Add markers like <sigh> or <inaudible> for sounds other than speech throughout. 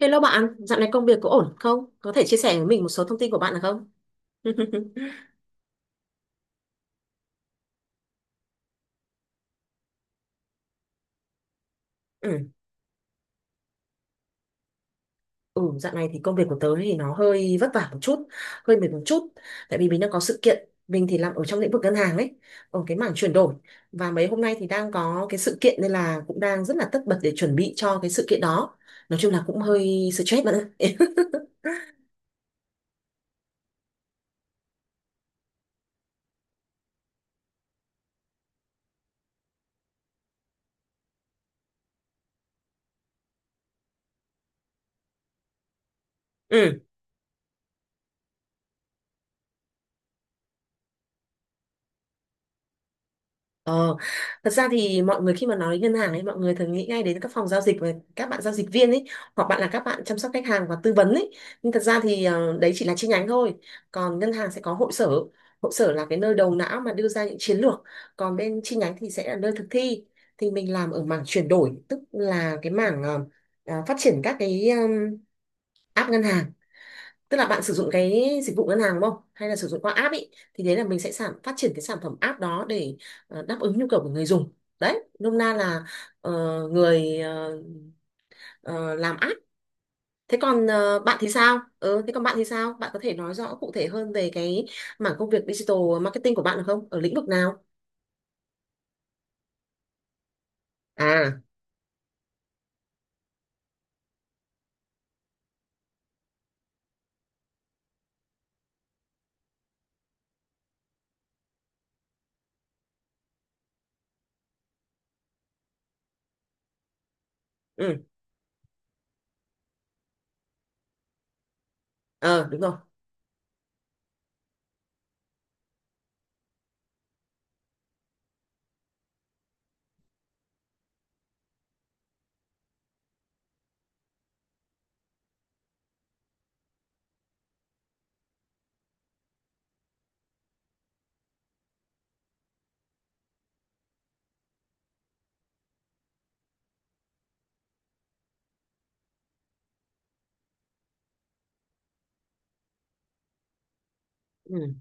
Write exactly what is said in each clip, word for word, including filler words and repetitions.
Hello bạn, dạo này công việc có ổn không? Có thể chia sẻ với mình một số thông tin của bạn được không? <laughs> Ừ. Ừ, dạo này thì công việc của tớ thì nó hơi vất vả một chút, hơi mệt một chút. Tại vì mình đang có sự kiện, mình thì làm ở trong lĩnh vực ngân hàng ấy, ở cái mảng chuyển đổi. Và mấy hôm nay thì đang có cái sự kiện nên là cũng đang rất là tất bật để chuẩn bị cho cái sự kiện đó. Nói chung là cũng hơi stress bạn ạ. <laughs> Ừ. Ờ, Thật ra thì mọi người khi mà nói đến ngân hàng ấy, mọi người thường nghĩ ngay đến các phòng giao dịch và các bạn giao dịch viên ấy, hoặc bạn là các bạn chăm sóc khách hàng và tư vấn ấy. Nhưng thật ra thì ờ, đấy chỉ là chi nhánh thôi. Còn ngân hàng sẽ có hội sở. Hội sở là cái nơi đầu não mà đưa ra những chiến lược. Còn bên chi nhánh thì sẽ là nơi thực thi. Thì mình làm ở mảng chuyển đổi, tức là cái mảng ờ, à, phát triển các cái um, app ngân hàng, tức là bạn sử dụng cái dịch vụ ngân hàng đúng không, hay là sử dụng qua app ý, thì đấy là mình sẽ sản phát triển cái sản phẩm app đó để ờ, đáp ứng nhu cầu của người dùng. Đấy, nôm na là ờ, người ờ, ờ, làm app. Thế còn ờ, bạn thì sao? ừ, Thế còn bạn thì sao, bạn có thể nói rõ cụ thể hơn về cái mảng công việc digital marketing của bạn được không, ở lĩnh vực nào? À. Ừ. Ờ, đúng rồi. Ừ,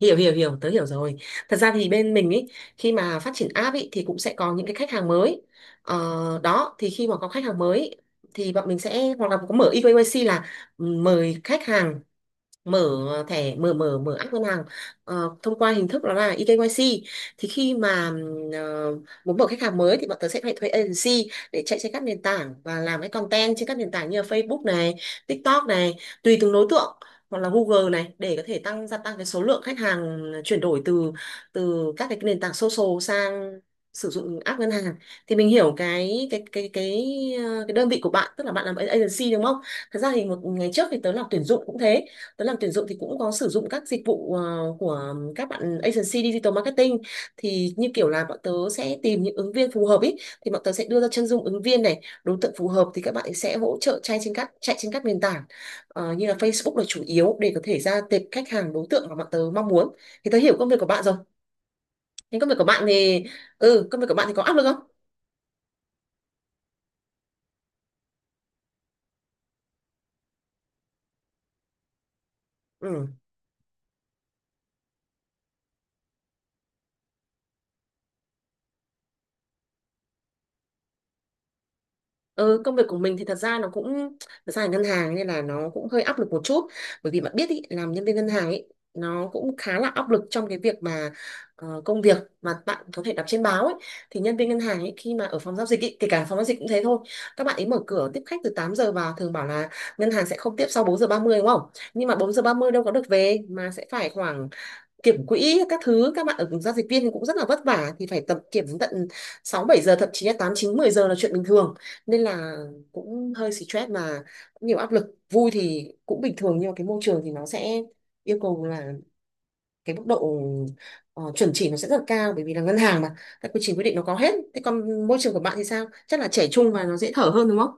hiểu hiểu hiểu, tớ hiểu rồi. Thật ra thì bên mình ấy, khi mà phát triển app ấy thì cũng sẽ có những cái khách hàng mới. ờ, Đó, thì khi mà có khách hàng mới ý, thì bọn mình sẽ hoặc là có mở E eKYC, là mời khách hàng mở thẻ, mở mở mở app ngân hàng ờ, thông qua hình thức đó là eKYC. Thì khi mà ừm, ờ, muốn mở khách hàng mới thì bọn tớ sẽ phải thuê agency để chạy trên các nền tảng và làm cái content trên các nền tảng như là Facebook này, TikTok này, tùy từng đối tượng, hoặc là Google này, để có thể tăng, gia tăng cái số lượng khách hàng chuyển đổi từ từ các cái nền tảng social sang sử dụng app ngân hàng. Thì mình hiểu cái cái cái cái ờ, cái đơn vị của bạn, tức là bạn làm agency đúng không. Thật ra thì một ngày trước thì tớ làm tuyển dụng cũng thế. Tớ làm tuyển dụng thì cũng có sử dụng các dịch vụ ờ, của các bạn agency digital marketing. Thì như kiểu là bọn tớ sẽ tìm những ứng viên phù hợp ý, thì bọn tớ sẽ đưa ra chân dung ứng viên này, đối tượng phù hợp, thì các bạn ấy sẽ hỗ trợ chạy trên các chạy trên các nền tảng ờ, như là Facebook là chủ yếu, để có thể ra tệp khách hàng, đối tượng mà bọn tớ mong muốn. Thì tớ hiểu công việc của bạn rồi, nhưng công việc của bạn thì, ừ công việc của bạn thì có áp lực không? Ừ. Ừ, công việc của mình thì thật ra nó cũng thật ra là ngân hàng nên là nó cũng hơi áp lực một chút, bởi vì bạn biết ý, làm nhân viên ngân hàng ý, nó cũng khá là áp lực trong cái việc mà ờ, công việc mà bạn có thể đọc trên báo ấy. Thì nhân viên ngân hàng ấy khi mà ở phòng giao dịch ý, kể cả phòng giao dịch cũng thế thôi, các bạn ấy mở cửa tiếp khách từ tám giờ, vào thường bảo là ngân hàng sẽ không tiếp sau bốn giờ ba mươi đúng không, nhưng mà bốn giờ ba mươi đâu có được về, mà sẽ phải khoảng kiểm quỹ các thứ. Các bạn ở giao dịch viên thì cũng rất là vất vả, thì phải tập kiểm đến tận sáu bảy giờ, thậm chí là tám chín mười giờ là chuyện bình thường. Nên là cũng hơi stress mà, cũng nhiều áp lực. Vui thì cũng bình thường, nhưng mà cái môi trường thì nó sẽ yêu cầu là cái mức độ ờ, chuẩn chỉ nó sẽ rất là cao, bởi vì là ngân hàng mà, các quy trình quy định nó có hết. Thế còn môi trường của bạn thì sao, chắc là trẻ trung và nó dễ thở hơn đúng không?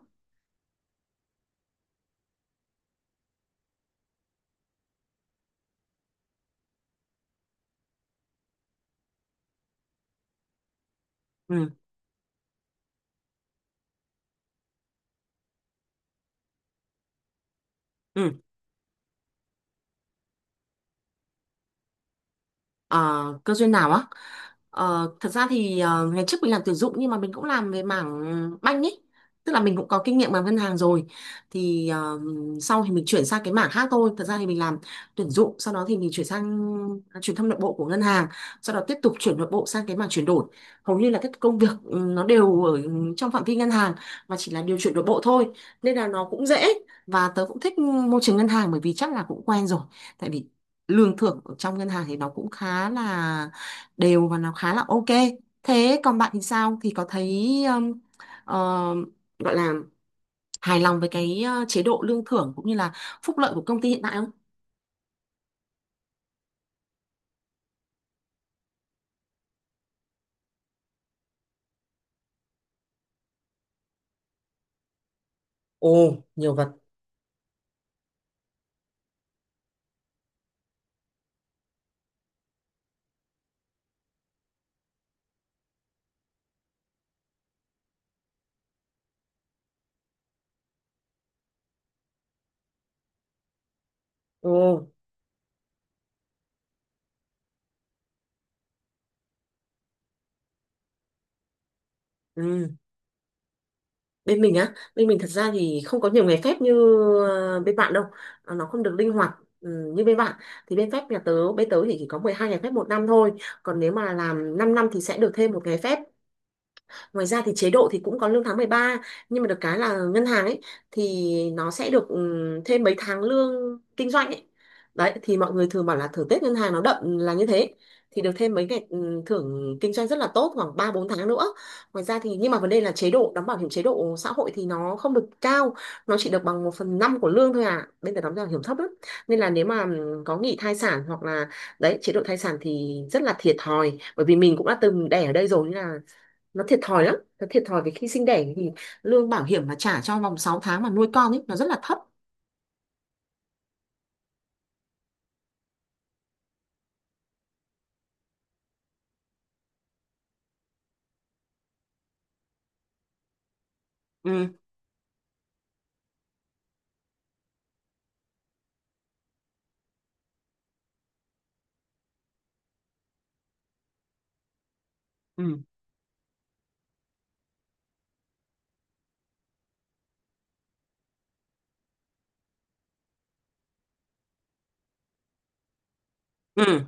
Ừ. Ừ. Ờ, cơ duyên nào á. Ờ, thật ra thì ờ, ngày trước mình làm tuyển dụng, nhưng mà mình cũng làm về mảng banh ấy, tức là mình cũng có kinh nghiệm làm ngân hàng rồi. Thì ờ, sau thì mình chuyển sang cái mảng khác thôi. Thật ra thì mình làm tuyển dụng, sau đó thì mình chuyển sang truyền thông nội bộ của ngân hàng, sau đó tiếp tục chuyển nội bộ sang cái mảng chuyển đổi. Hầu như là các công việc ừ, nó đều ở trong phạm vi ngân hàng, mà chỉ là điều chuyển nội bộ thôi, nên là nó cũng dễ. Và tớ cũng thích môi trường ngân hàng, bởi vì chắc là cũng quen rồi, tại vì lương thưởng ở trong ngân hàng thì nó cũng khá là đều và nó khá là ok. Thế còn bạn thì sao, thì có thấy um, ờ, gọi là hài lòng với cái ờ, chế độ lương thưởng cũng như là phúc lợi của công ty hiện tại không? Ồ, nhiều vật. Ồ. Ừ. Bên mình á, bên mình thật ra thì không có nhiều ngày phép như ờ, bên bạn đâu. Ờ, nó không được linh hoạt ừ, như bên bạn. Thì bên phép nhà tớ bên tớ thì chỉ có mười hai ngày phép một năm thôi, còn nếu mà làm 5 năm thì sẽ được thêm một ngày phép. Ngoài ra thì chế độ thì cũng có lương tháng mười ba, nhưng mà được cái là ngân hàng ấy thì nó sẽ được ừm, thêm mấy tháng lương kinh doanh ấy. Đấy, thì mọi người thường bảo là thưởng Tết ngân hàng nó đậm là như thế. Thì được thêm mấy ngày ừm, thưởng kinh doanh rất là tốt, khoảng ba bốn tháng nữa. Ngoài ra thì, nhưng mà vấn đề là chế độ đóng bảo hiểm, chế độ xã hội thì nó không được cao, nó chỉ được bằng một phần năm của lương thôi à. Bên ta đóng bảo hiểm thấp lắm. Nên là nếu mà ừm, có nghỉ thai sản hoặc là, đấy, chế độ thai sản thì rất là thiệt thòi, bởi vì mình cũng đã từng đẻ ở đây rồi, nên là nó thiệt thòi lắm. Nó thiệt thòi vì khi sinh đẻ thì lương bảo hiểm mà trả cho vòng sáu tháng mà nuôi con ấy nó rất là thấp. Ừ. Ừ. Ừ.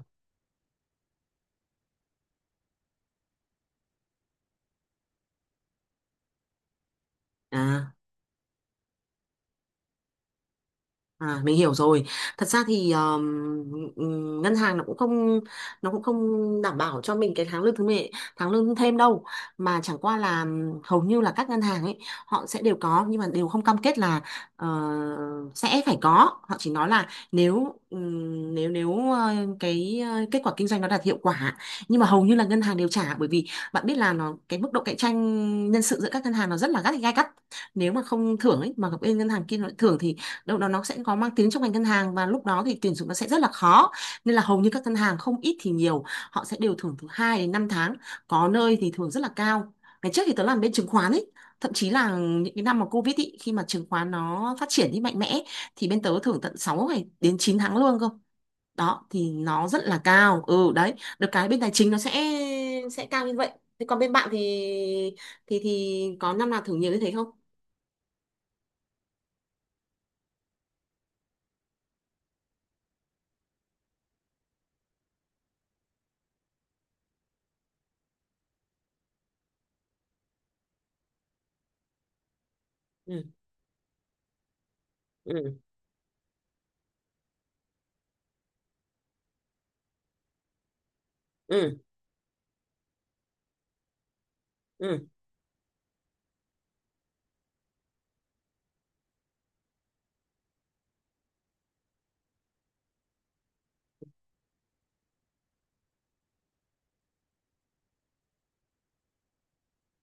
À. À, mình hiểu rồi. Thật ra thì um, ừm, ngân hàng nó cũng không nó cũng không đảm bảo cho mình cái tháng lương thứ mười tháng lương thêm đâu, mà chẳng qua là um, hầu như là các ngân hàng ấy họ sẽ đều có, nhưng mà đều không cam kết là ờ, sẽ phải có. Họ chỉ nói là nếu ừm, nếu nếu ờ, cái ờ, kết quả kinh doanh nó đạt hiệu quả. Nhưng mà hầu như là ngân hàng đều trả, bởi vì bạn biết là nó cái mức độ cạnh tranh nhân sự giữa các ngân hàng nó rất là gắt gay gắt, nếu mà không thưởng ấy mà bên ngân hàng kia nó lại thưởng thì đâu đó nó sẽ có mang tiếng trong ngành ngân hàng, và lúc đó thì tuyển dụng nó sẽ rất là khó. Nên là hầu như các ngân hàng không ít thì nhiều họ sẽ đều thưởng từ hai đến năm tháng, có nơi thì thưởng rất là cao. Ngày trước thì tớ làm bên chứng khoán ấy, thậm chí là những cái năm mà Covid ý, khi mà chứng khoán nó phát triển đi mạnh mẽ, thì bên tớ thưởng tận sáu ngày đến chín tháng lương cơ. Đó, thì nó rất là cao. Ừ, đấy, được cái bên tài chính nó sẽ sẽ cao như vậy. Thế còn bên bạn thì, thì thì có năm nào thưởng nhiều như thế không? Ừ. Ừ. Ừ. Ừ.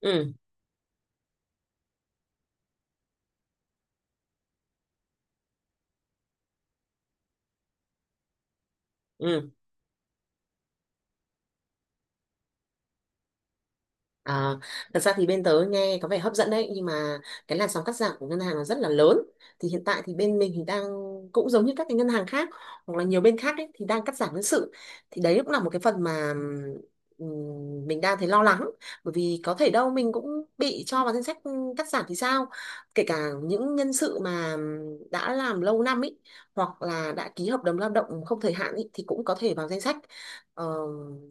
Ừ. Ừ. À, thật ra thì bên tớ nghe có vẻ hấp dẫn đấy, nhưng mà cái làn sóng cắt giảm của ngân hàng là rất là lớn. Thì hiện tại thì bên mình thì đang, cũng giống như các cái ngân hàng khác hoặc là nhiều bên khác ấy, thì đang cắt giảm nhân sự. Thì đấy cũng là một cái phần mà ừm, mình đang thấy lo lắng, bởi vì có thể đâu mình cũng bị cho vào danh sách cắt giảm thì sao. Kể cả những nhân sự mà đã làm lâu năm ấy, hoặc là đã ký hợp đồng lao động không thời hạn ấy, thì cũng có thể vào danh sách ờ,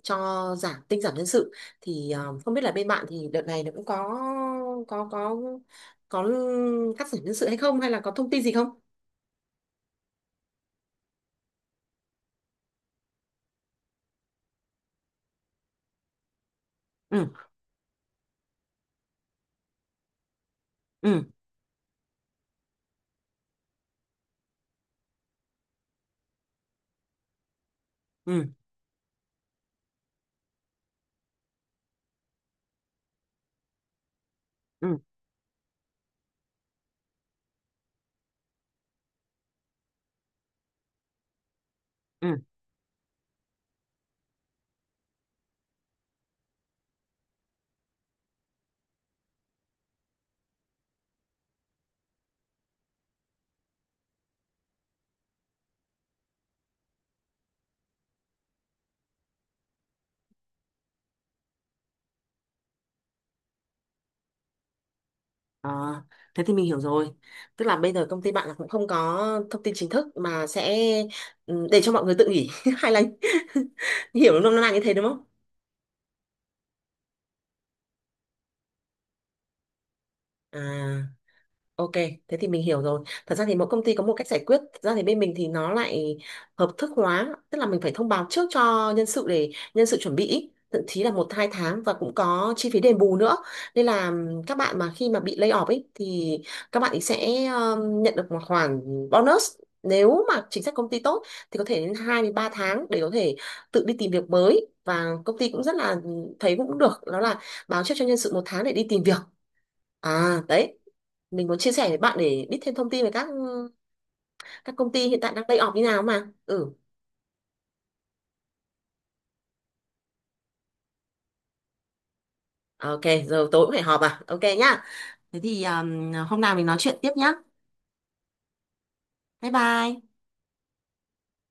cho giảm tinh giảm nhân sự. Thì ờ, không biết là bên bạn thì đợt này nó cũng có có có có cắt giảm nhân sự hay không, hay là có thông tin gì không? Ừ. Ừ. Ừ. Ừ. Ừ. Ờ, thế thì mình hiểu rồi. Tức là bây giờ công ty bạn là cũng không có thông tin chính thức, mà sẽ ừ, để cho mọi người tự nghỉ, <laughs> hay là <laughs> hiểu nôm na như thế đúng không? À. Ok, thế thì mình hiểu rồi. Thật ra thì mỗi công ty có một cách giải quyết. Thật ra thì bên mình thì nó lại hợp thức hóa, tức là mình phải thông báo trước cho nhân sự để nhân sự chuẩn bị, ý, thậm chí là một hai tháng, và cũng có chi phí đền bù nữa. Nên là ừm, các bạn mà khi mà bị lay off ấy thì các bạn ấy sẽ ừm, nhận được một khoản bonus, nếu mà chính sách công ty tốt thì có thể đến hai đến ba tháng để có thể tự đi tìm việc mới. Và công ty cũng rất là thấy cũng được, đó là báo trước cho nhân sự một tháng để đi tìm việc. À đấy, mình muốn chia sẻ với bạn để biết thêm thông tin về các ừ, các công ty hiện tại đang lay off như nào mà. Ừ. Ok. Giờ tối cũng phải họp à, ok nhá. Thế thì um, hôm nào mình nói chuyện tiếp nhá. Bye bye.